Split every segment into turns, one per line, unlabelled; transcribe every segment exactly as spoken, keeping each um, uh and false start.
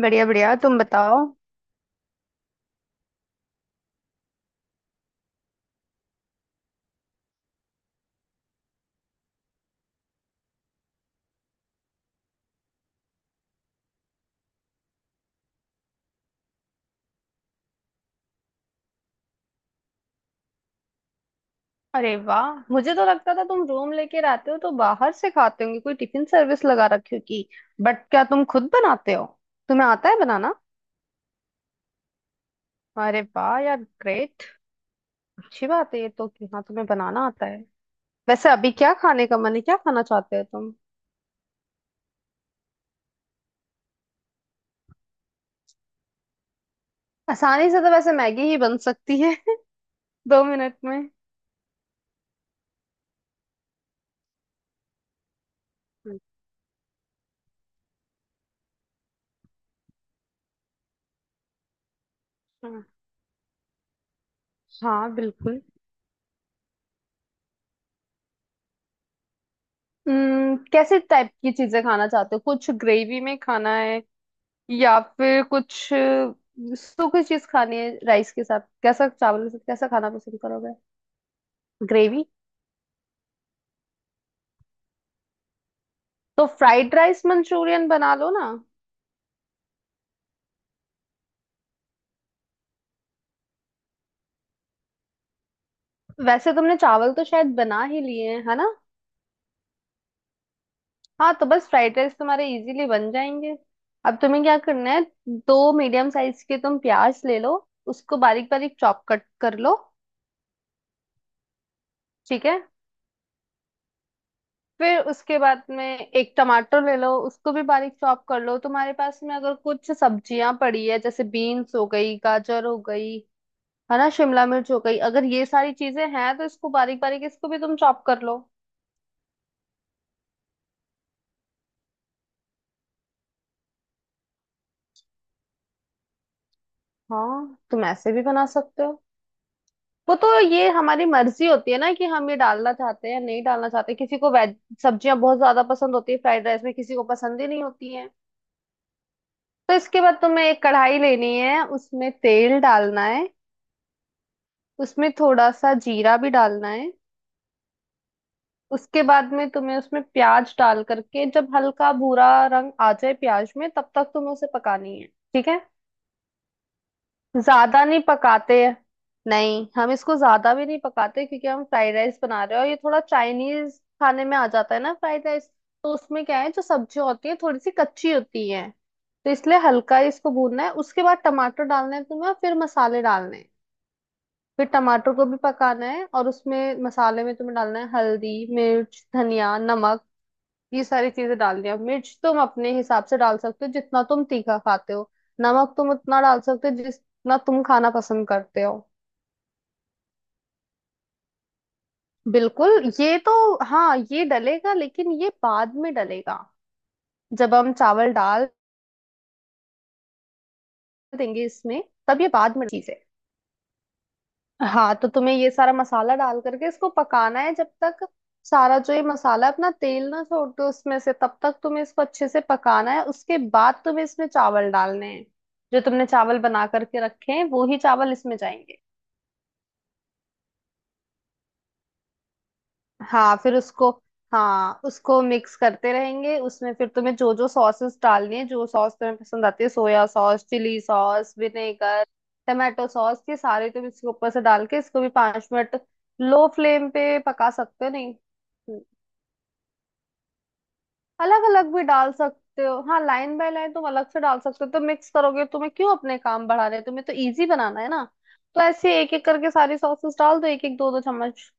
बढ़िया बढ़िया, तुम बताओ। अरे वाह, मुझे तो लगता था तुम रूम लेके रहते हो तो बाहर से खाते होंगे, कोई टिफिन सर्विस लगा रखी होगी। बट क्या तुम खुद बनाते हो? तुम्हें आता है बनाना? अरे वाह यार, ग्रेट। अच्छी बात है ये तो कि हाँ, तुम्हें बनाना आता है। वैसे अभी क्या खाने का मन है, क्या खाना चाहते हो तुम? आसानी से तो वैसे मैगी ही बन सकती है दो मिनट में। अच्छा। हाँ बिल्कुल। हम्म कैसे टाइप की चीजें खाना चाहते हो, कुछ ग्रेवी में खाना है या फिर कुछ अ, सूखी चीज खानी है राइस के साथ? कैसा चावल के साथ कैसा खाना पसंद करोगे? ग्रेवी। तो फ्राइड राइस मंचूरियन बना लो ना। वैसे तुमने चावल तो शायद बना ही लिए हैं, है ना? हाँ, तो बस फ्राइड राइस तुम्हारे इजीली बन जाएंगे। अब तुम्हें क्या करना है, दो मीडियम साइज के तुम प्याज ले लो। उसको बारीक बारीक चॉप कट कर लो। ठीक है। फिर उसके बाद में एक टमाटर ले लो, उसको भी बारीक चॉप कर लो। तुम्हारे पास में अगर कुछ सब्जियां पड़ी है, जैसे बीन्स हो गई, गाजर हो गई, है ना, शिमला मिर्च हो गई, अगर ये सारी चीजें हैं तो इसको बारीक बारीक इसको भी तुम चॉप कर लो। हाँ, तुम ऐसे भी बना सकते हो। वो तो ये हमारी मर्जी होती है ना कि हम ये डालना चाहते हैं या नहीं डालना चाहते, किसी को वेज सब्जियां बहुत ज्यादा पसंद होती है फ्राइड राइस में, किसी को पसंद ही नहीं होती है। तो इसके बाद तुम्हें एक कढ़ाई लेनी है, उसमें तेल डालना है। उसमें थोड़ा सा जीरा भी डालना है। उसके बाद में तुम्हें उसमें प्याज डाल करके जब हल्का भूरा रंग आ जाए प्याज में, तब तक तुम्हें उसे पकानी है। ठीक है, ज्यादा नहीं पकाते। नहीं, हम इसको ज्यादा भी नहीं पकाते क्योंकि हम फ्राइड राइस बना रहे हैं और ये थोड़ा चाइनीज खाने में आ जाता है ना फ्राइड राइस। तो उसमें क्या है, जो सब्जी होती है थोड़ी सी कच्ची होती है तो इसलिए हल्का ही इसको भूनना है। उसके बाद टमाटर डालना है तुम्हें और फिर मसाले डालने हैं। फिर टमाटर को भी पकाना है और उसमें मसाले में तुम्हें डालना है हल्दी मिर्च धनिया नमक, ये सारी चीजें डालनी है। मिर्च तुम अपने हिसाब से डाल सकते हो जितना तुम तीखा खाते हो, नमक तुम उतना डाल सकते हो जितना तुम खाना पसंद करते हो। बिल्कुल, ये तो। हाँ ये डलेगा, लेकिन ये बाद में डलेगा, जब हम चावल डाल देंगे इसमें, तब। ये बाद में चीज है। हाँ, तो तुम्हें ये सारा मसाला डाल करके इसको पकाना है जब तक सारा जो ये मसाला अपना तेल ना छोड़ दे उसमें से, तब तक तुम्हें इसको अच्छे से पकाना है। उसके बाद तुम्हें इसमें चावल डालने हैं। जो तुमने चावल बना करके रखे हैं वो ही चावल इसमें जाएंगे। हाँ, फिर उसको, हाँ, उसको मिक्स करते रहेंगे। उसमें फिर तुम्हें जो जो सॉसेस डालनी है, जो सॉस तुम्हें पसंद आती है, soya sauce, chilli sauce, vinegar, tomato sauce, ये सारे तुम इसके ऊपर से डाल के इसको भी पांच मिनट लो फ्लेम पे पका सकते हो। नहीं, अलग अलग भी डाल सकते हो, हाँ, लाइन बाय लाइन तुम अलग से डाल सकते हो, तो मिक्स करोगे? तुम्हें क्यों अपने काम बढ़ा रहे हैं, तुम्हें तो इजी बनाना है ना। तो ऐसे एक एक करके सारी सॉसेस डाल दो, एक एक दो दो चम्मच,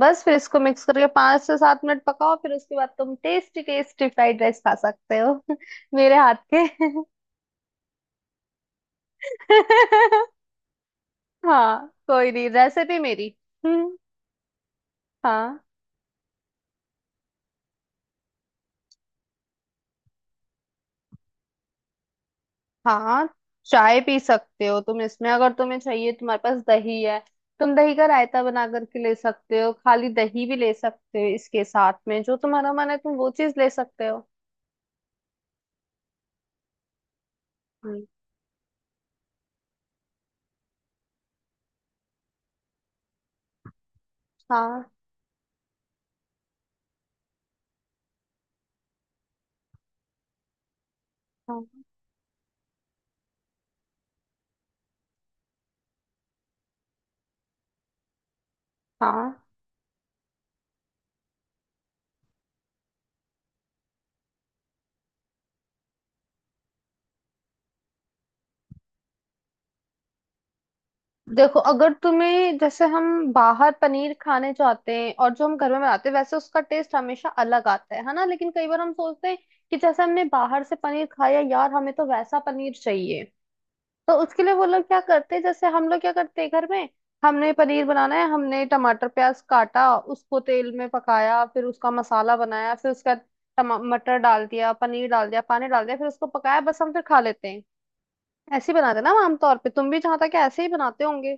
बस। फिर इसको मिक्स करके पांच से सात मिनट पकाओ, फिर उसके बाद तुम टेस्टी टेस्टी फ्राइड राइस खा सकते हो मेरे हाथ के। हाँ कोई नहीं, रेसिपी मेरी। हम्म, हाँ हाँ, चाय पी सकते हो तुम इसमें, अगर तुम्हें चाहिए। तुम्हारे पास दही है, तुम दही का रायता बना करके ले सकते हो, खाली दही भी ले सकते हो। इसके साथ में जो तुम्हारा मन है तुम वो चीज ले सकते हो। हम्म, हाँ हाँ हाँ, देखो, अगर तुम्हें, जैसे हम बाहर पनीर खाने जाते हैं और जो हम घर में बनाते हैं, वैसे उसका टेस्ट हमेशा अलग आता है है ना। लेकिन कई बार हम सोचते हैं कि जैसे हमने बाहर से पनीर खाया, यार हमें तो वैसा पनीर चाहिए। तो उसके लिए वो लोग क्या करते हैं, जैसे हम लोग क्या करते हैं घर में, हमने पनीर बनाना है, हमने टमाटर प्याज काटा, उसको तेल में पकाया, फिर उसका मसाला बनाया, फिर उसका टमा- मटर डाल दिया, पनीर डाल दिया, पानी डाल दिया, फिर उसको पकाया, बस हम फिर खा लेते हैं। ऐसे ही बनाते हैं ना हम आमतौर पे, तुम भी जहां तक है, ऐसे ही बनाते होंगे,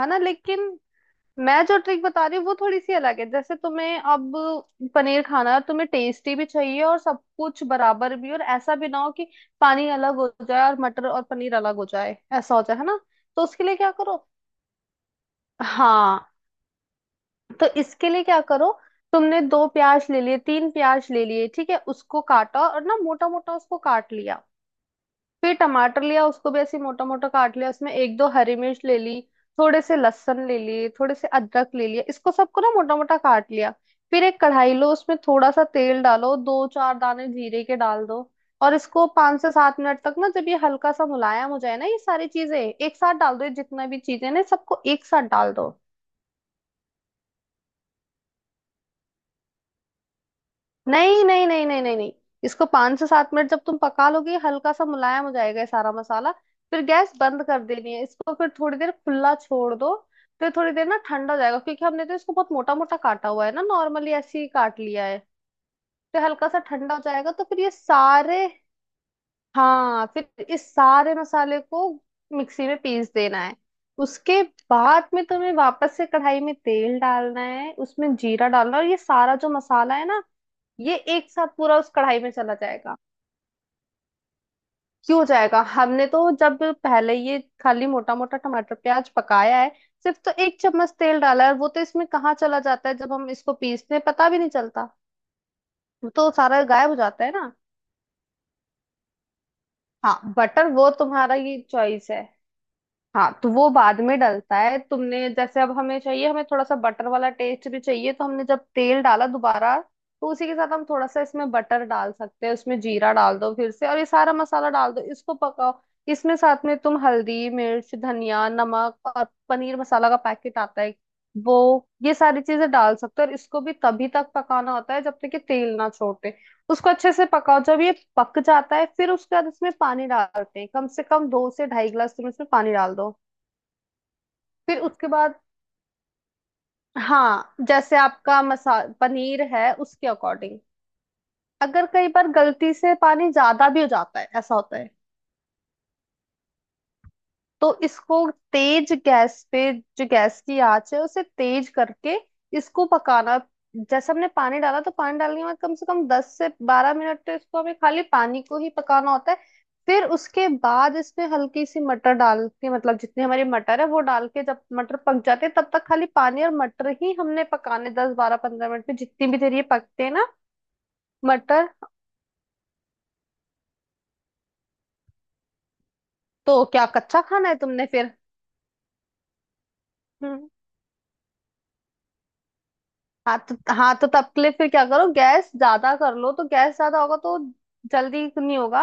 है ना। लेकिन मैं जो ट्रिक बता रही हूँ वो थोड़ी सी अलग है। जैसे तुम्हें अब पनीर खाना है, तुम्हें टेस्टी भी चाहिए और सब कुछ बराबर भी, और ऐसा भी ना हो कि पानी अलग हो जाए और मटर और पनीर अलग हो जाए, ऐसा हो जाए, है ना। तो उसके लिए क्या करो, हाँ, तो इसके लिए क्या करो, तुमने दो प्याज ले लिए तीन प्याज ले लिए, ठीक है, उसको काटा और ना, मोटा मोटा उसको काट लिया। फिर टमाटर लिया, उसको भी ऐसे मोटा मोटा काट लिया। उसमें एक दो हरी मिर्च ले ली, थोड़े से लहसुन ले लिए, थोड़े से अदरक ले लिया, इसको सबको ना मोटा मोटा काट लिया। फिर एक कढ़ाई लो, उसमें थोड़ा सा तेल डालो, दो चार दाने जीरे के डाल दो, और इसको पाँच से सात मिनट तक ना, जब ये हल्का सा मुलायम हो जाए ना, ये सारी चीजें एक साथ डाल दो, ये जितना भी चीजें ना सबको एक साथ डाल दो। नहीं नहीं नहीं नहीं नहीं नहीं। इसको पांच से सात मिनट जब तुम पका लोगे, हल्का सा मुलायम हो जाएगा ये सारा मसाला, फिर गैस बंद कर देनी है इसको, फिर थोड़ी देर खुला छोड़ दो, फिर थोड़ी देर ना ठंडा हो जाएगा, क्योंकि हमने तो इसको बहुत मोटा मोटा काटा हुआ है ना नॉर्मली, ऐसे ही काट लिया है तो हल्का सा ठंडा हो जाएगा। तो फिर ये सारे, हाँ, फिर इस सारे मसाले को मिक्सी में पीस देना है। उसके बाद में तुम्हें वापस से कढ़ाई में तेल डालना है, उसमें जीरा डालना है और ये सारा जो मसाला है ना ये एक साथ पूरा उस कढ़ाई में चला जाएगा। क्यों जाएगा, हमने तो जब पहले ये खाली मोटा मोटा टमाटर प्याज पकाया है, सिर्फ तो एक चम्मच तेल डाला है, और वो तो इसमें कहाँ चला जाता है, जब हम इसको पीसते हैं पता भी नहीं चलता, वो तो सारा गायब हो जाता है ना। हाँ, बटर वो तुम्हारा ये चॉइस है, हाँ, तो वो बाद में डलता है। तुमने जैसे, अब हमें चाहिए हमें थोड़ा सा बटर वाला टेस्ट भी चाहिए, तो हमने जब तेल डाला दोबारा, तो उसी के साथ हम थोड़ा सा इसमें बटर डाल सकते हैं। उसमें जीरा डाल दो फिर से और ये सारा मसाला डाल दो, इसको पकाओ। इसमें साथ में तुम हल्दी मिर्च धनिया नमक और पनीर मसाला का पैकेट आता है वो, ये सारी चीजें डाल सकते हो। और इसको भी तभी तक पकाना होता है जब तक कि तेल ना छोड़े, उसको अच्छे से पकाओ। जब ये पक जाता है फिर उसके बाद इसमें पानी डालते हैं, कम से कम दो से ढाई गिलास तुम इसमें पानी डाल दो। फिर उसके बाद, हाँ, जैसे आपका मसा पनीर है उसके अकॉर्डिंग। अगर कई बार गलती से पानी ज्यादा भी हो जाता है, ऐसा होता है, तो इसको तेज गैस पे, जो गैस की आंच है उसे तेज करके इसको पकाना। जैसे हमने पानी डाला तो पानी डालने के बाद कम से कम दस से बारह मिनट तो इसको हमें खाली पानी को ही पकाना होता है। फिर उसके बाद इसमें हल्की सी मटर डाल के, मतलब जितनी हमारी मटर है वो डाल के, जब मटर पक जाते हैं तब तक खाली पानी और मटर ही हमने पकाने, दस बारह पंद्रह मिनट में जितनी भी देर ये पकते हैं ना मटर, तो क्या कच्चा खाना है तुमने फिर? हम्म। हाँ तो, हाँ तो तब के लिए फिर क्या करो, गैस ज्यादा कर लो, तो गैस ज्यादा होगा तो जल्दी नहीं होगा,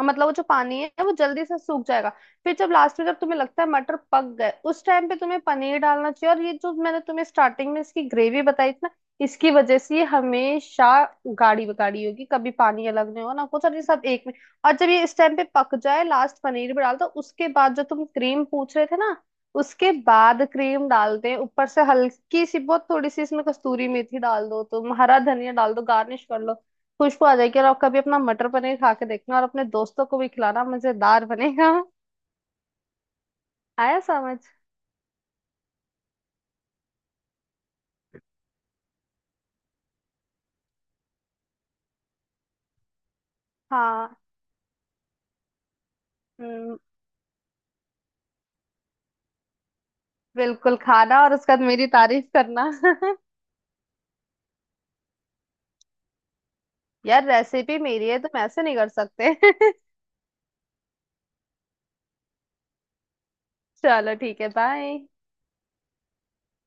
मतलब वो जो पानी है वो जल्दी से सूख जाएगा। फिर जब लास्ट में, जब तुम्हें लगता है मटर पक गए, उस टाइम पे तुम्हें पनीर डालना चाहिए। और ये जो मैंने तुम्हें स्टार्टिंग में इसकी ग्रेवी बताई थी ना, इसकी वजह से ये हमेशा गाढ़ी गाढ़ी होगी, कभी पानी अलग नहीं होगा ना कुछ, और ये सब एक में। और जब ये इस टाइम पे पक जाए लास्ट, पनीर भी डाल दो। उसके बाद जो तुम क्रीम पूछ रहे थे ना, उसके बाद क्रीम डालते हैं ऊपर से हल्की सी, बहुत थोड़ी सी। इसमें कस्तूरी मेथी डाल दो, तुम हरा धनिया डाल दो, गार्निश कर लो, खुशबू आ जाएगी। और आप कभी अपना मटर पनीर खा के देखना और अपने दोस्तों को भी खिलाना, मजेदार बनेगा। आया समझ? हाँ। हम्म, बिल्कुल खाना और उसके बाद मेरी तारीफ करना। यार, रेसिपी मेरी है, तुम ऐसे नहीं कर सकते। चलो ठीक है, बाय।